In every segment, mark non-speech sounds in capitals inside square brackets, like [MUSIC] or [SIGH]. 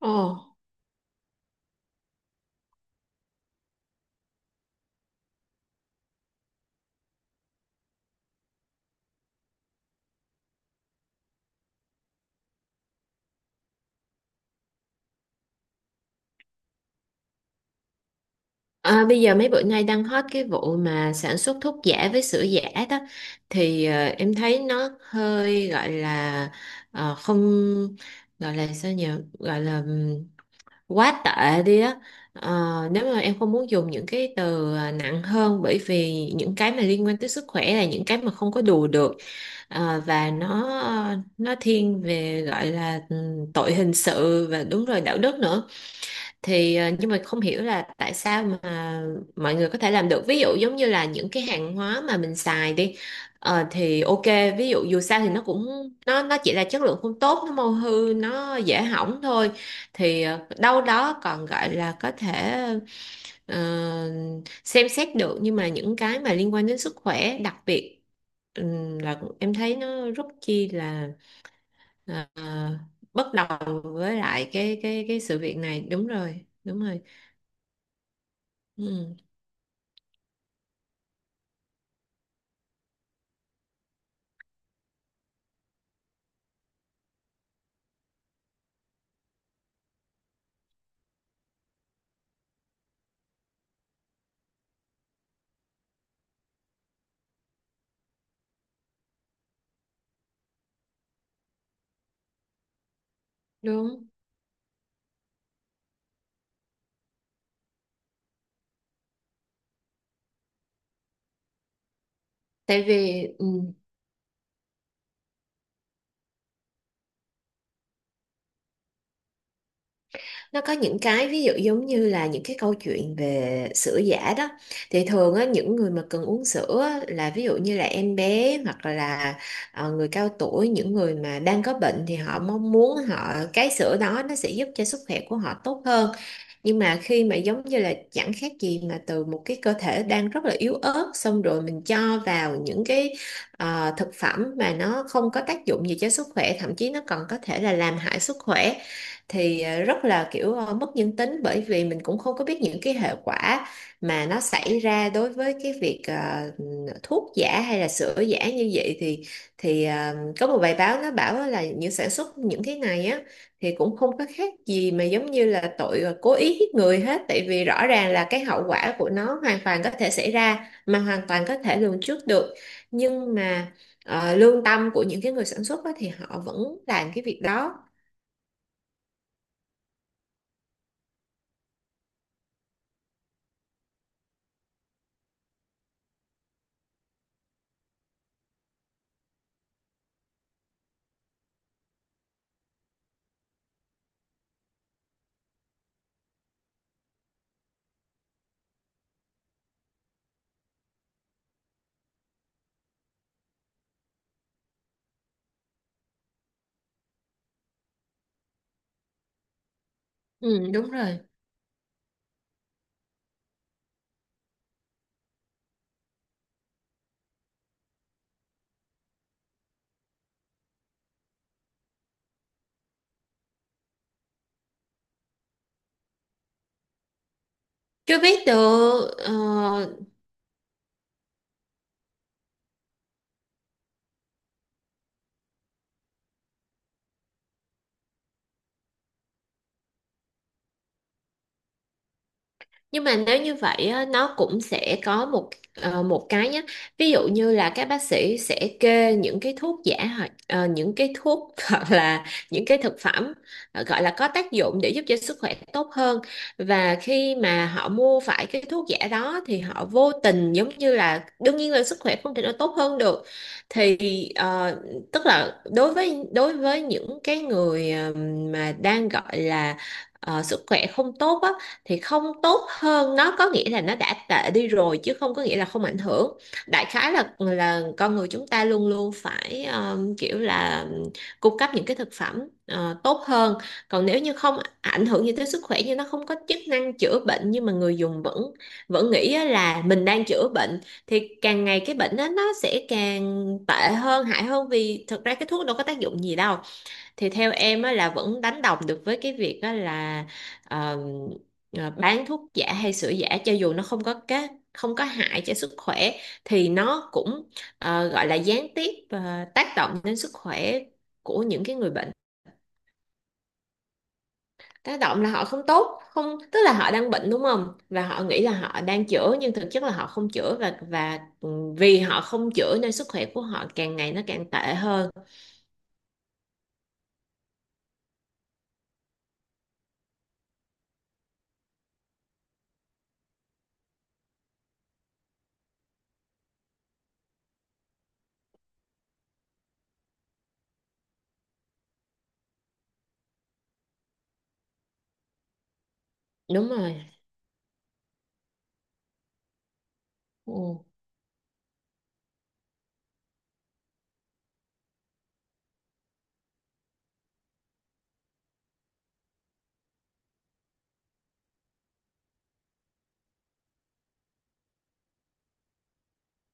Ồ, bây giờ mấy bữa nay đang hot cái vụ mà sản xuất thuốc giả với sữa giả đó. Em thấy nó hơi gọi là ờ, không gọi là sao nhỉ, gọi là quá tệ đi á. Ờ, nếu mà em không muốn dùng những cái từ nặng hơn, bởi vì những cái mà liên quan tới sức khỏe là những cái mà không có đùa được. Ờ, và nó thiên về gọi là tội hình sự và đúng rồi, đạo đức nữa. Nhưng mà không hiểu là tại sao mà mọi người có thể làm được. Ví dụ giống như là những cái hàng hóa mà mình xài đi, thì ok, ví dụ dù sao thì nó cũng nó chỉ là chất lượng không tốt, nó mau hư, nó dễ hỏng thôi, đâu đó còn gọi là có thể ờ, xem xét được. Nhưng mà những cái mà liên quan đến sức khỏe đặc biệt, là em thấy nó rất chi là ờ, bất đồng với lại cái sự việc này. Đúng rồi, đúng rồi. Ừ, đúng. Tại vì nó có những cái ví dụ giống như là những cái câu chuyện về sữa giả đó, thì thường á, những người mà cần uống sữa á, là ví dụ như là em bé hoặc là người cao tuổi, những người mà đang có bệnh thì họ mong muốn họ cái sữa đó nó sẽ giúp cho sức khỏe của họ tốt hơn. Nhưng mà khi mà giống như là chẳng khác gì mà từ một cái cơ thể đang rất là yếu ớt, xong rồi mình cho vào những cái thực phẩm mà nó không có tác dụng gì cho sức khỏe, thậm chí nó còn có thể là làm hại sức khỏe, rất là kiểu mất nhân tính. Bởi vì mình cũng không có biết những cái hệ quả mà nó xảy ra đối với cái việc thuốc giả hay là sữa giả như vậy. Có một bài báo nó bảo là những sản xuất những cái này á, thì cũng không có khác gì mà giống như là tội cố ý giết người hết. Tại vì rõ ràng là cái hậu quả của nó hoàn toàn có thể xảy ra mà hoàn toàn có thể lường trước được. Nhưng mà lương tâm của những cái người sản xuất á, thì họ vẫn làm cái việc đó. Ừ, đúng rồi. Chưa biết được Nhưng mà nếu như vậy á, nó cũng sẽ có một một cái nhé. Ví dụ như là các bác sĩ sẽ kê những cái thuốc giả, hoặc những cái thuốc [LAUGHS] hoặc là những cái thực phẩm gọi là có tác dụng để giúp cho sức khỏe tốt hơn. Và khi mà họ mua phải cái thuốc giả đó thì họ vô tình giống như là đương nhiên là sức khỏe không thể nào tốt hơn được. Thì ờ, Tức là đối với những cái người mà đang gọi là sức khỏe không tốt á, thì không tốt hơn nó có nghĩa là nó đã tệ đi rồi, chứ không có nghĩa là không ảnh hưởng. Đại khái là con người chúng ta luôn luôn phải kiểu là cung cấp những cái thực phẩm tốt hơn. Còn nếu như không ảnh hưởng gì tới sức khỏe, như nó không có chức năng chữa bệnh nhưng mà người dùng vẫn vẫn nghĩ á là mình đang chữa bệnh, thì càng ngày cái bệnh đó nó sẽ càng tệ hơn, hại hơn, vì thực ra cái thuốc đâu có tác dụng gì đâu. Thì theo em á, là vẫn đánh đồng được với cái việc á, là ờ, bán thuốc giả hay sữa giả. Cho dù nó không có hại cho sức khỏe thì nó cũng gọi là gián tiếp tác động đến sức khỏe của những cái người bệnh. Tác động là họ không tốt không, tức là họ đang bệnh đúng không, và họ nghĩ là họ đang chữa nhưng thực chất là họ không chữa. Vì họ không chữa nên sức khỏe của họ càng ngày nó càng tệ hơn. Đúng rồi. Ừ.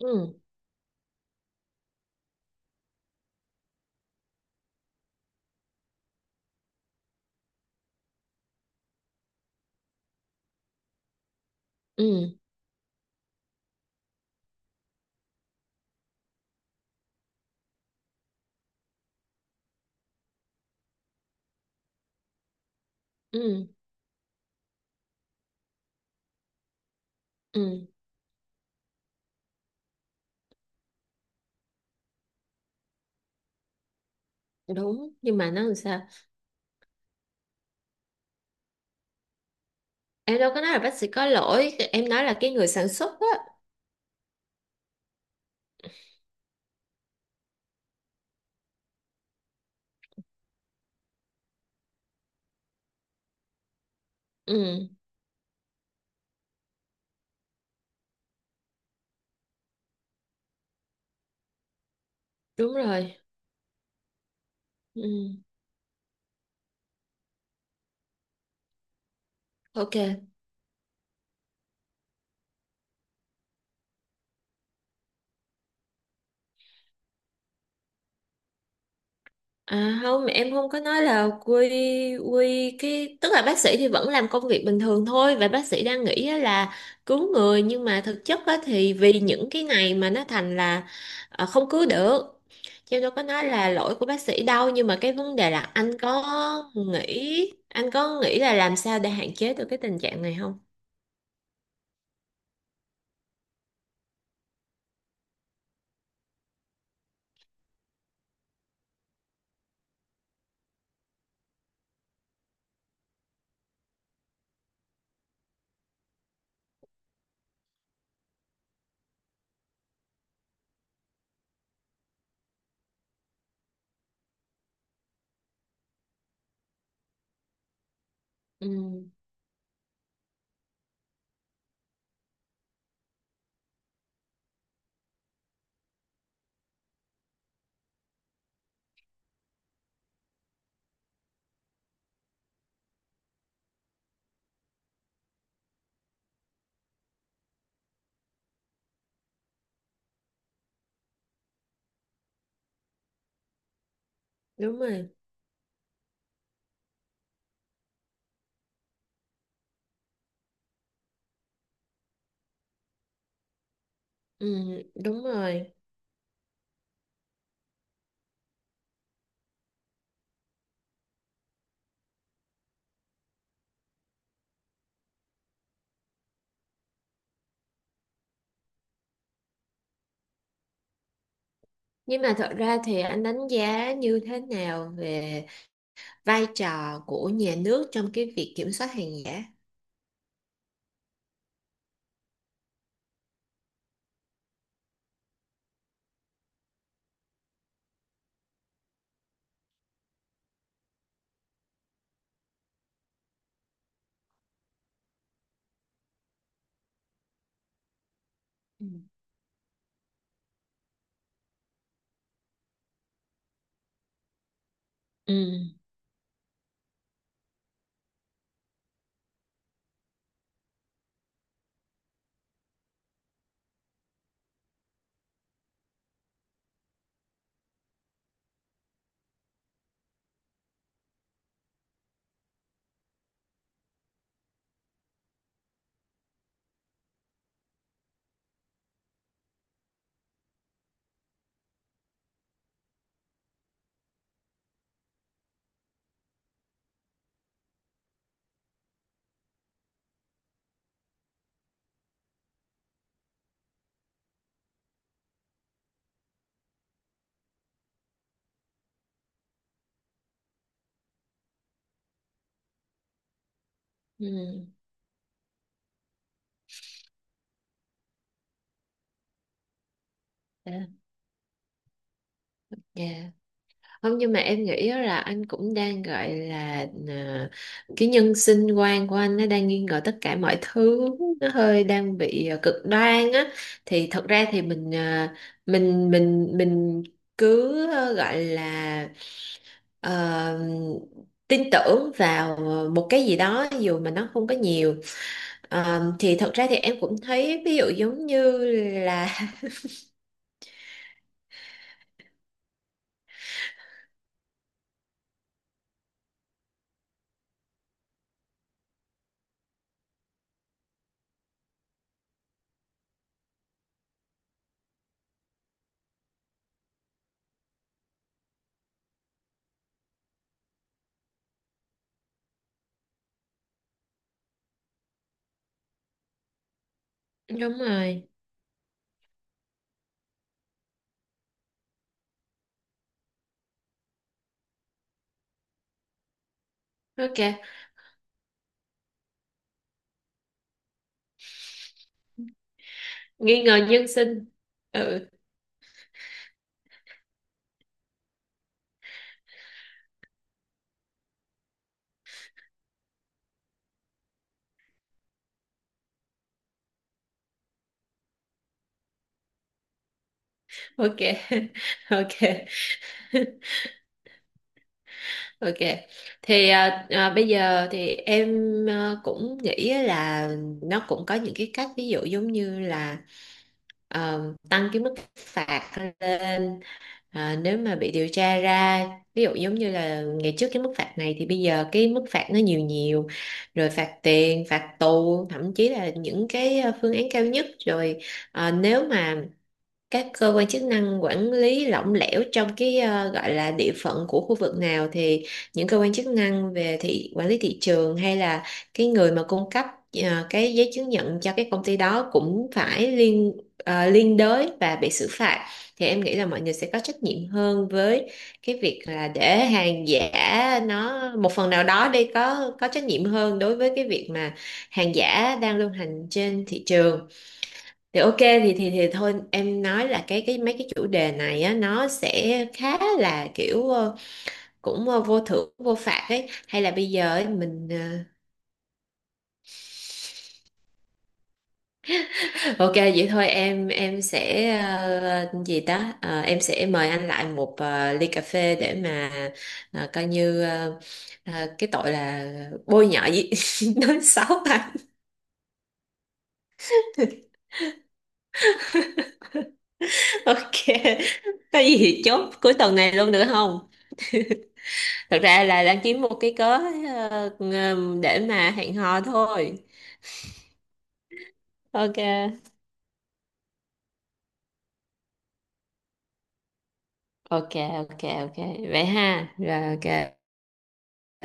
Ừ. Ừ. Ừ, ừ. Đúng, nhưng mà nó làm sao? Em đâu có nói là bác sĩ có lỗi, em nói là cái người sản xuất á. Ừ, đúng rồi. Ừ. Ok. À không, em không có nói là quy. Quy cái Tức là bác sĩ thì vẫn làm công việc bình thường thôi, và bác sĩ đang nghĩ á là cứu người, nhưng mà thực chất á thì vì những cái này mà nó thành là không cứu được. Chứ em đâu có nói là lỗi của bác sĩ đâu. Nhưng mà cái vấn đề là anh có nghĩ là làm sao để hạn chế được cái tình trạng này không? Ừ, đúng rồi. Ừ, đúng rồi. Nhưng mà thật ra thì anh đánh giá như thế nào về vai trò của nhà nước trong cái việc kiểm soát hàng giả? Ừ. Ừ. Ừ. À, dạ. Không, nhưng mà em nghĩ á là anh cũng đang gọi là cái nhân sinh quan của anh nó đang nghi ngờ tất cả mọi thứ, nó hơi đang bị cực đoan á. Thì thật ra thì mình mình cứ gọi là ờ, tin tưởng vào một cái gì đó dù mà nó không có nhiều. Ờ, thì thật ra thì em cũng thấy ví dụ giống như là [LAUGHS] đúng rồi. Ok, nghi ngờ nhân sinh. Ừ. Ok. [LAUGHS] Ok. Ok, thì bây giờ thì em cũng nghĩ là nó cũng có những cái cách, ví dụ giống như là tăng cái mức phạt lên nếu mà bị điều tra ra. Ví dụ giống như là ngày trước cái mức phạt này thì bây giờ cái mức phạt nó nhiều nhiều rồi, phạt tiền, phạt tù, thậm chí là những cái phương án cao nhất rồi. Ờ, nếu mà các cơ quan chức năng quản lý lỏng lẻo trong cái gọi là địa phận của khu vực nào, thì những cơ quan chức năng về thị quản lý thị trường hay là cái người mà cung cấp cái giấy chứng nhận cho cái công ty đó cũng phải liên liên đới và bị xử phạt. Thì em nghĩ là mọi người sẽ có trách nhiệm hơn với cái việc là để hàng giả nó một phần nào đó đi, có trách nhiệm hơn đối với cái việc mà hàng giả đang lưu hành trên thị trường. Thì ok, thì thôi, em nói là cái mấy cái chủ đề này á, nó sẽ khá là kiểu cũng vô thưởng vô phạt ấy. Hay là bây giờ ấy, mình ờ, [LAUGHS] ok vậy thôi, em sẽ gì ta. Ờ, em sẽ mời anh lại một ly cà phê để mà coi như cái tội là bôi nhọ gì. [LAUGHS] Nói xấu anh. [LAUGHS] Ok, có gì thì chốt cuối tuần này luôn được không? Thật ra là đang kiếm một cái cớ để mà hẹn hò thôi. Ok. Ok. Ok. Ok, vậy ha, rồi ok.